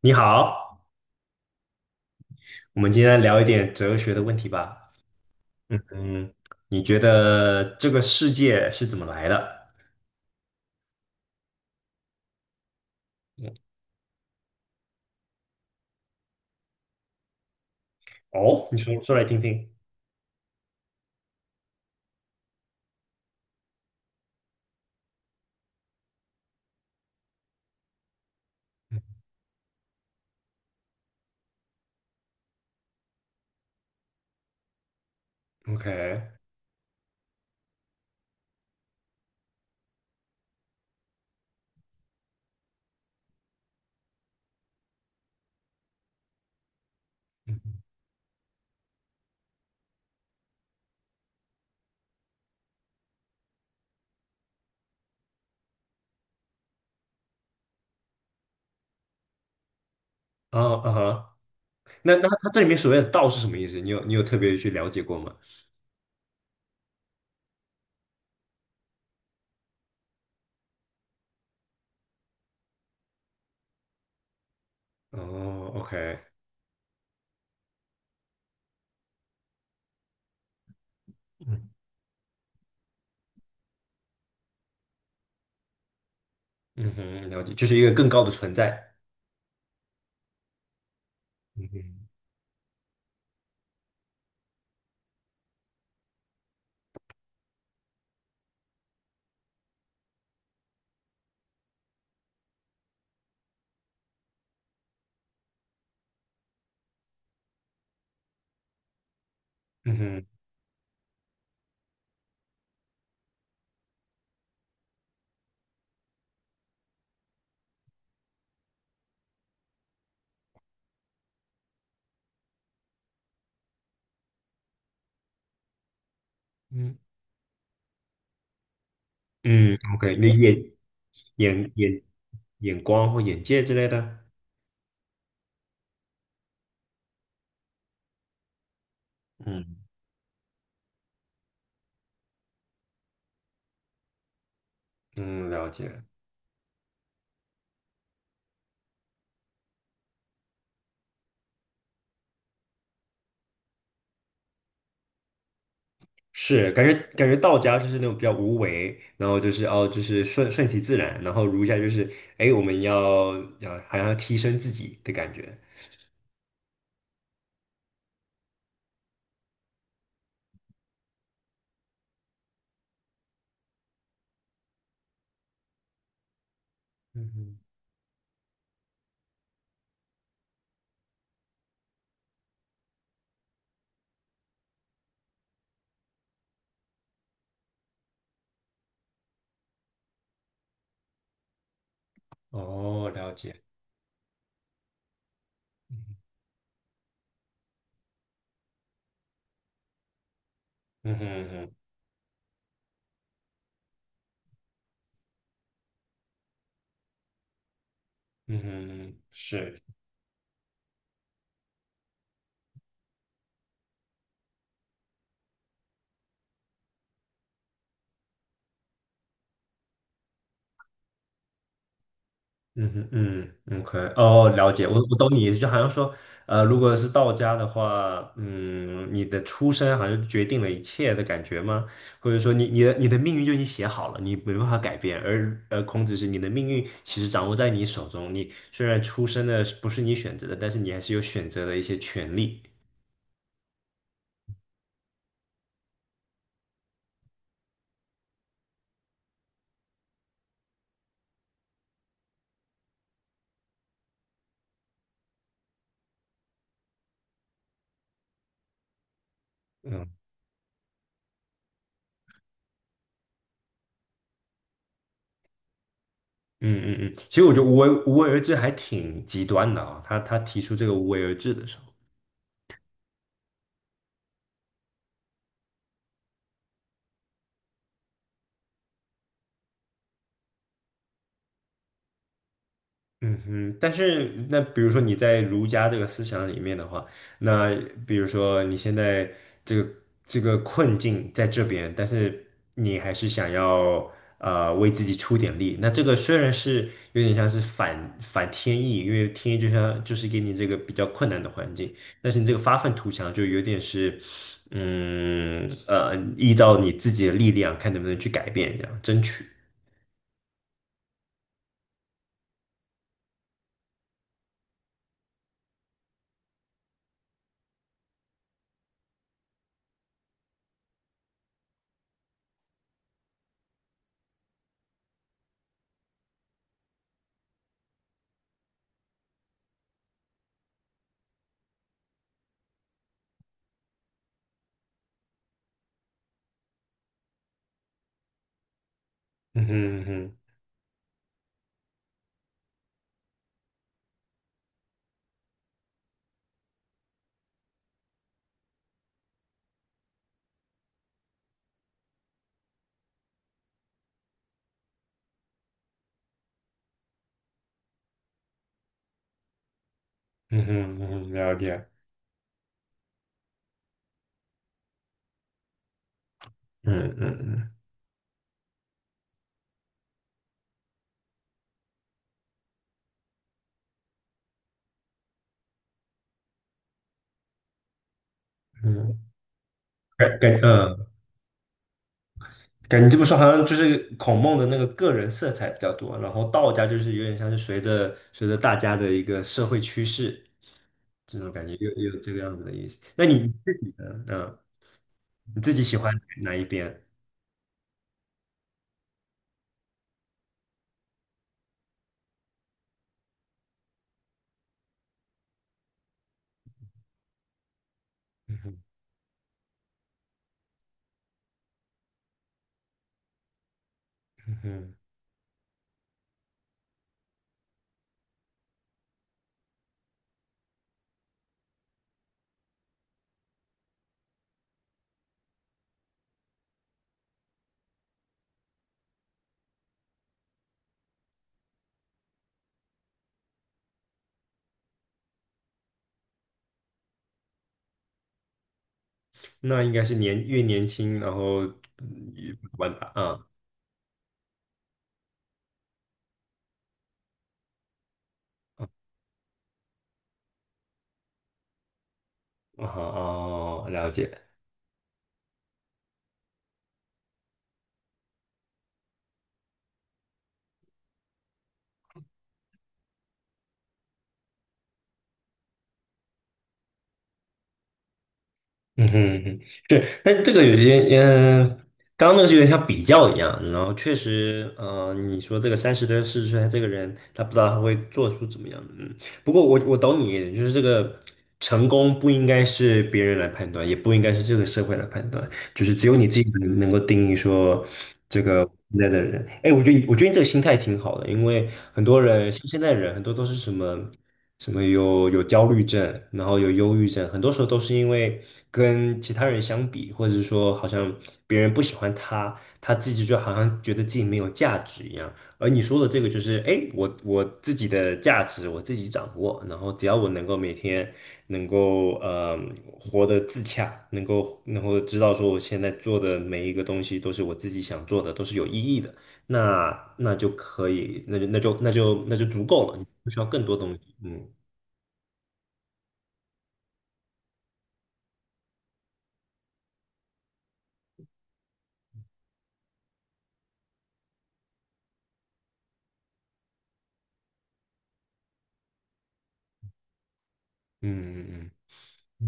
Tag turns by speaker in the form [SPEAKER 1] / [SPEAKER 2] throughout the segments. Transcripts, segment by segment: [SPEAKER 1] 你好，我们今天聊一点哲学的问题吧。嗯嗯，你觉得这个世界是怎么来的？嗯哦，你说说来听听。嗯，OK，嗯，哦，啊哈，那它这里面所谓的道是什么意思？你有特别去了解过吗？哦，OK，嗯嗯哼，了解，就是一个更高的存在。嗯哼，嗯哼，嗯嗯，OK,那眼眼眼光或眼界之类的。嗯嗯，了解。是感觉道家就是那种比较无为，然后就是哦，就是顺其自然，然后儒家就是哎，我们要好像要提升自己的感觉。嗯哼，哦，了解。嗯哼嗯哼嗯哼，是嗯哼嗯，OK，哦，了解，我懂你意思，就好像说，如果是道家的话，嗯，你的出身好像决定了一切的感觉吗？或者说你的命运就已经写好了，你没办法改变，而孔子是你的命运其实掌握在你手中，你虽然出生的是不是你选择的，但是你还是有选择的一些权利。嗯嗯嗯嗯，其实我觉得无为而治还挺极端的啊、他提出这个无为而治的时候。嗯哼，但是那比如说你在儒家这个思想里面的话，那比如说你现在这个这个困境在这边，但是你还是想要为自己出点力，那这个虽然是有点像是反天意，因为天意就像就是给你这个比较困难的环境，但是你这个发愤图强就有点是依照你自己的力量看能不能去改变，这样争取。嗯哼嗯哼嗯哼嗯哼，了解。嗯嗯嗯嗯，感感嗯，感觉这么说好像就是孔孟的那个个人色彩比较多，然后道家就是有点像是随着大家的一个社会趋势，这种感觉又有这个样子的意思。那你自己呢？嗯，你自己喜欢哪一边？嗯哼嗯哼，那应该是越年轻，然后越玩吧。嗯，哦，哦，了解。嗯哼嗯哼，对，但这个有些刚刚那个是有点像比较一样，然后确实，你说这个30多40岁的这个人，他不知道他会做出怎么样，不过我懂你，就是这个成功不应该是别人来判断，也不应该是这个社会来判断，就是只有你自己能够定义说这个现在的人。哎，我觉得你这个心态挺好的，因为很多人像现在的人，很多都是什么有焦虑症，然后有忧郁症，很多时候都是因为跟其他人相比，或者是说好像别人不喜欢他，他自己就好像觉得自己没有价值一样。而你说的这个就是，哎，我自己的价值我自己掌握，然后只要我能够每天能够活得自洽，能够知道说我现在做的每一个东西都是我自己想做的，都是有意义的，那就可以，那就足够了，你不需要更多东西。嗯嗯嗯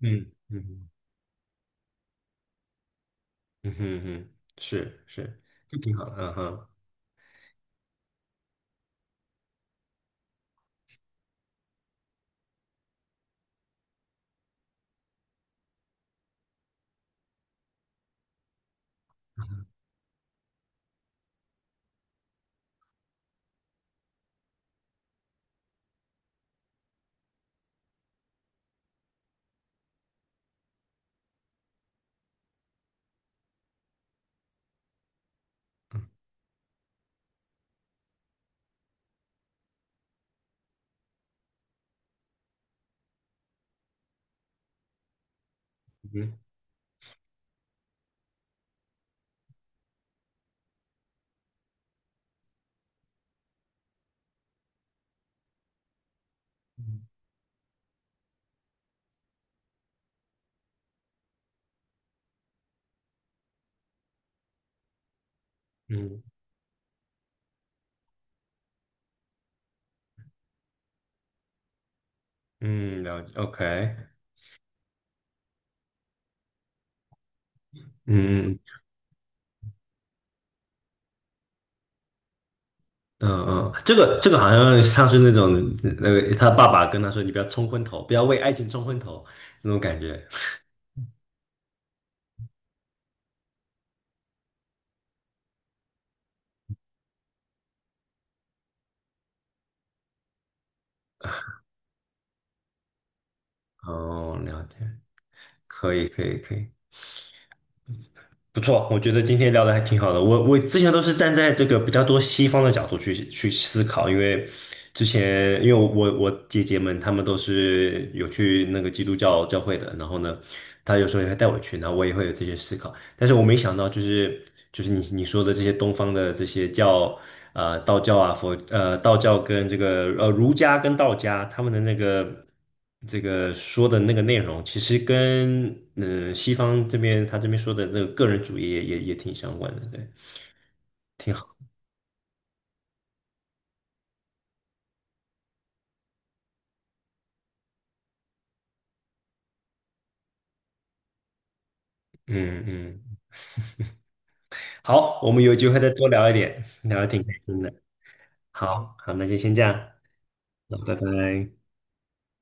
[SPEAKER 1] 嗯嗯嗯嗯嗯嗯，是是，就挺好的，嗯哼，嗯嗯嗯，了解，OK，嗯嗯。嗯嗯嗯，这个好像像是那个他爸爸跟他说：“你不要冲昏头，不要为爱情冲昏头。”那种感觉。哦，了解，可以可以可以，不错，我觉得今天聊的还挺好的。我之前都是站在这个比较多西方的角度去思考，因为之前因为我姐姐们她们都是有去那个基督教教会的，然后呢，她有时候也会带我去，然后我也会有这些思考。但是我没想到，就是你说的这些东方的这些教，道教啊，道教跟这个儒家跟道家他们的那个这个说的那个内容，其实跟西方这边他这边说的这个个人主义也挺相关的，对，挺好，嗯嗯，好，我们有机会再多聊一点，聊得挺开心的，好好，那就先这样，那拜拜。